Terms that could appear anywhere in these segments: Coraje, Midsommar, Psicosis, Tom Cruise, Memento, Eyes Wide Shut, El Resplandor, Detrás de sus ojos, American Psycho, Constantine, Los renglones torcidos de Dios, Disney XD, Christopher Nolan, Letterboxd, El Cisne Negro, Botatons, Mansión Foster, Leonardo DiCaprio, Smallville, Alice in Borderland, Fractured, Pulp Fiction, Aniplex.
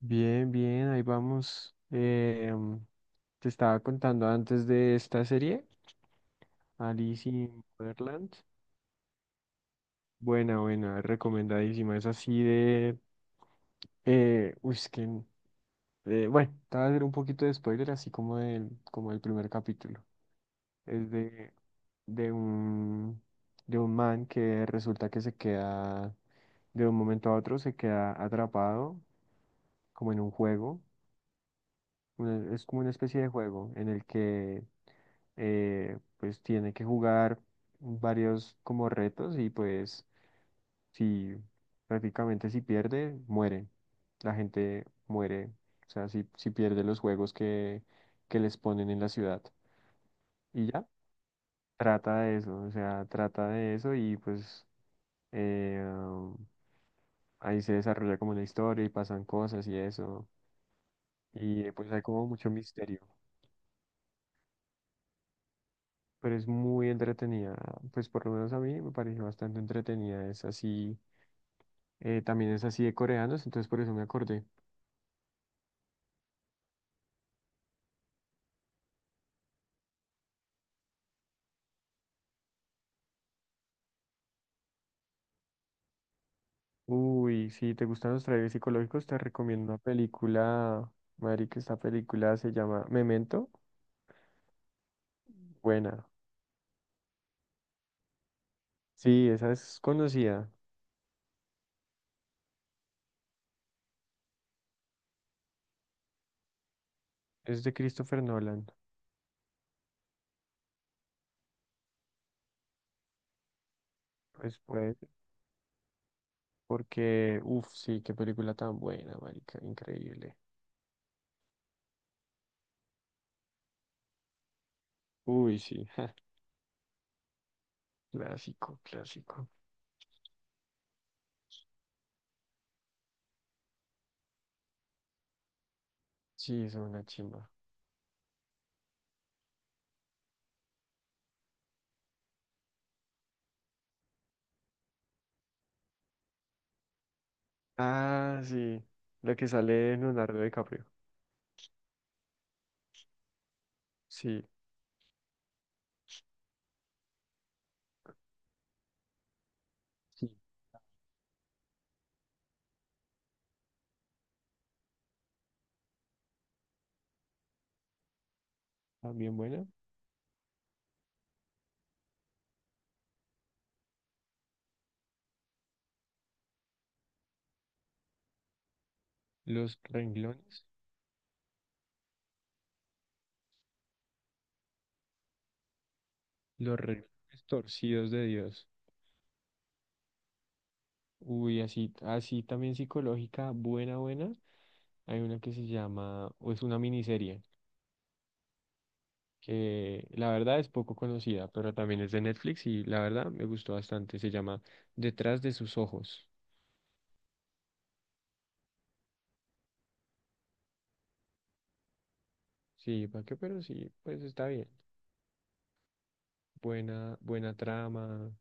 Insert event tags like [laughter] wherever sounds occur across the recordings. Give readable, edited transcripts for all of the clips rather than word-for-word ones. Bien, bien, ahí vamos. Te estaba contando antes de esta serie, Alice in Borderland. Buena, buena, recomendadísima. Es así de. Uy, es que. Bueno, te voy a hacer un poquito de spoiler, así como como el primer capítulo. Es de, de un, de un man que resulta que se queda, de un momento a otro, se queda atrapado como en un juego. Es como una especie de juego en el que pues tiene que jugar varios como retos y pues si prácticamente si pierde, muere. La gente muere, o sea, si pierde los juegos que les ponen en la ciudad. Y ya, trata de eso, o sea, trata de eso y pues eh, um, ahí se desarrolla como una historia y pasan cosas y eso. Y pues hay como mucho misterio. Pero es muy entretenida. Pues por lo menos a mí me pareció bastante entretenida. Es así, también es así de coreanos, entonces por eso me acordé. Uy, si te gustan los trailers psicológicos, te recomiendo una película, que esta película se llama Memento. Buena. Sí, esa es conocida. Es de Christopher Nolan. Pues, porque, uff, sí, qué película tan buena, marica, increíble. Uy, sí, [laughs] clásico, clásico. Sí, es una chimba. Ah, sí. La que sale en Leonardo DiCaprio. Sí, sí, también buena. Los renglones, los renglones torcidos de Dios. Uy, así, así también psicológica, buena, buena. Hay una que se llama, o es una miniserie, que la verdad es poco conocida, pero también es de Netflix y la verdad me gustó bastante. Se llama Detrás de sus ojos. Sí, ¿para qué? Pero sí, pues está bien. Buena, buena trama.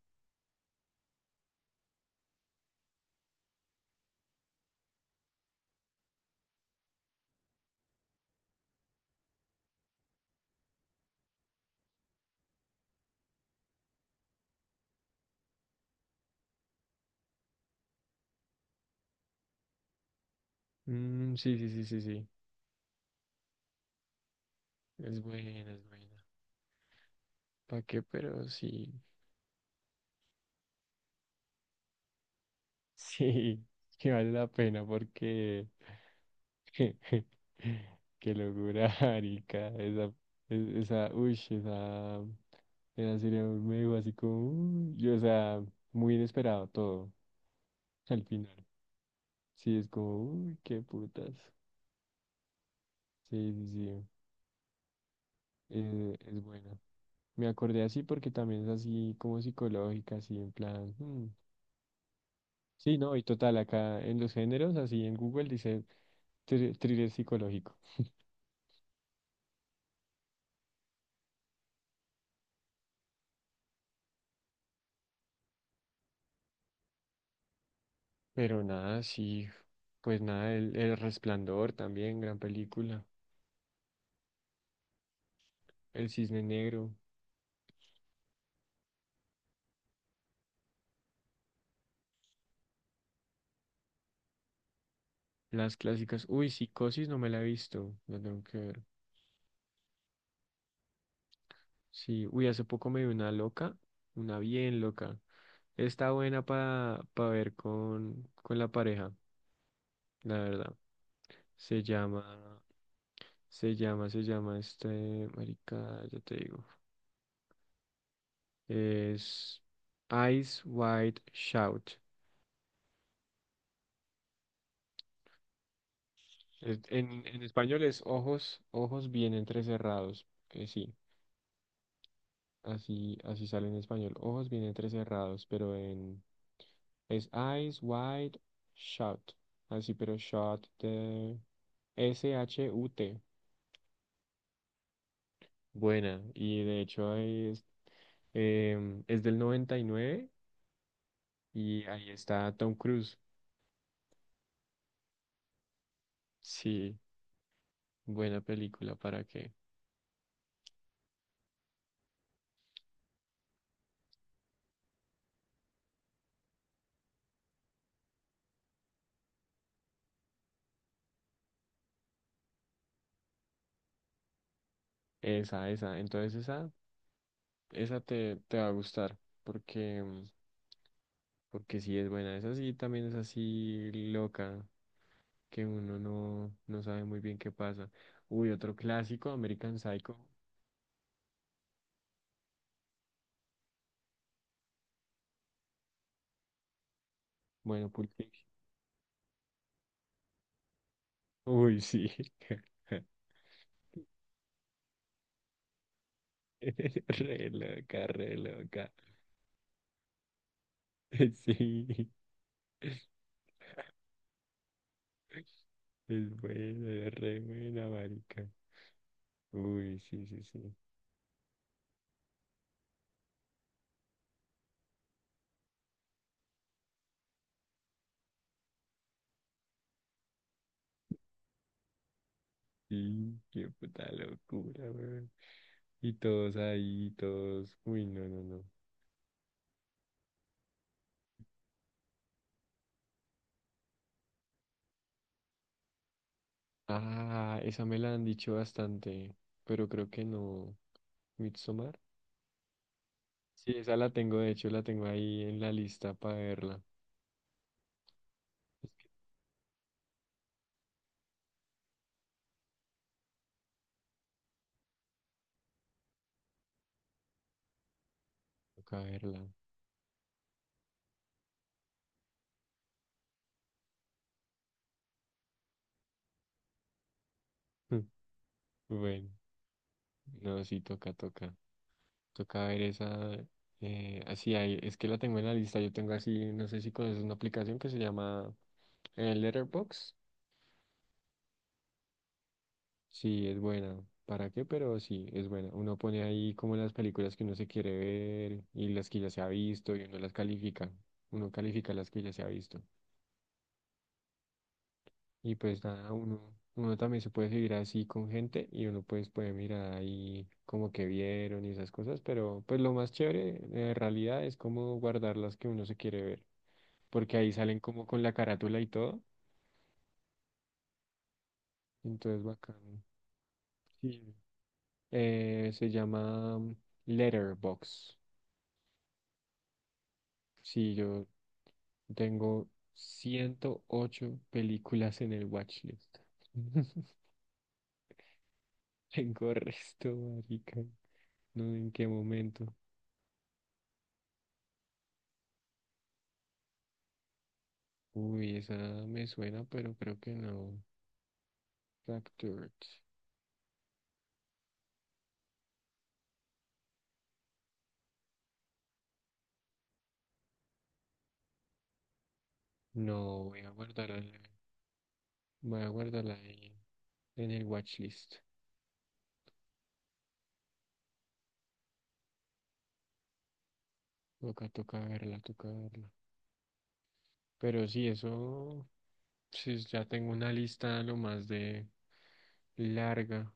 Mm, sí, sí, sí, sí, sí. Es buena, es buena. ¿Para qué? Pero sí, sí, [laughs] que vale la pena porque [laughs] qué locura, marica, esa, esa, uy, esa serie me dijo así como, uy, y, o sea, muy inesperado todo al final. Sí, es como, uy, qué putas. Sí, sí, sí, es buena. Me acordé así porque también es así como psicológica, así en plan, hmm. Sí, no, y total, acá en los géneros, así en Google dice thriller psicológico. Pero nada, sí, pues nada, El Resplandor también, gran película. El Cisne Negro, las clásicas. Uy, Psicosis no me la he visto, la tengo que ver. Sí, uy, hace poco me vi una loca, una bien loca. Está buena para ver con la pareja, la verdad. Se llama, se llama este, marica, ya te digo. Es Eyes Wide Shut. En español es ojos bien entrecerrados. Que sí, así, así sale en español. Ojos bien entrecerrados, pero en es Eyes Wide Shut. Así, pero shut de S-H-U-T. Buena. Y de hecho ahí es, es del 99 y nueve y ahí está Tom Cruise. Sí, buena película, ¿para qué? Esa, esa. Entonces esa. Te va a gustar porque, porque sí es buena. Esa sí también es así loca que uno no, no sabe muy bien qué pasa. Uy, otro clásico, American Psycho. Bueno, Pulp Fiction. Uy, sí. [laughs] Re loca, re loca. [laughs] Sí. Es buena, es re buena, marica. Uy, sí, sí, sí. Sí, qué puta locura, weón. Y todos ahí, todos. Uy, no, no, no. Ah, esa me la han dicho bastante, pero creo que no. Midsommar. Sí, esa la tengo, de hecho, la tengo ahí en la lista para verla. Es que toca verla. [laughs] Bueno, no, sí, toca, toca. Toca ver esa. Así, hay, es que la tengo en la lista. Yo tengo así, no sé si conoces una aplicación que se llama Letterboxd. Sí, es buena. ¿Para qué? Pero sí, es buena. Uno pone ahí como las películas que uno se quiere ver y las que ya se ha visto y uno las califica. Uno califica las que ya se ha visto. Y pues nada, uno también se puede seguir así con gente y uno pues puede mirar ahí como que vieron y esas cosas, pero pues lo más chévere en realidad es como guardar las que uno se quiere ver, porque ahí salen como con la carátula y todo. Entonces, bacán. Sí. Se llama Letterbox. Sí, yo tengo 108 películas en el watchlist. [laughs] Tengo resto, marica. No sé en qué momento. Uy, esa me suena, pero creo que no. Fractured. No, voy a guardarla. En Voy a guardarla ahí en el watchlist. Toca, toca verla, toca verla. Pero sí, eso. Sí, ya tengo una lista lo más de larga.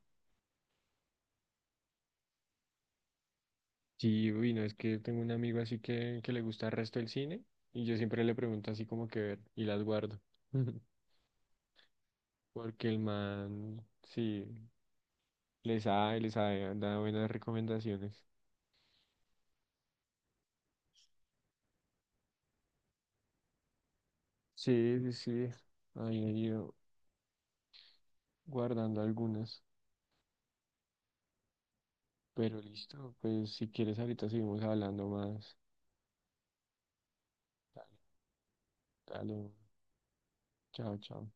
Sí, uy, no, es que tengo un amigo así que le gusta el resto del cine y yo siempre le pregunto así como que ver y las guardo. [laughs] Porque el man, sí, les sabe, da buenas recomendaciones. Sí, sí, sí, ahí he ido guardando algunas. Pero listo, pues si quieres ahorita seguimos hablando más. Dale, dale, chao, chao.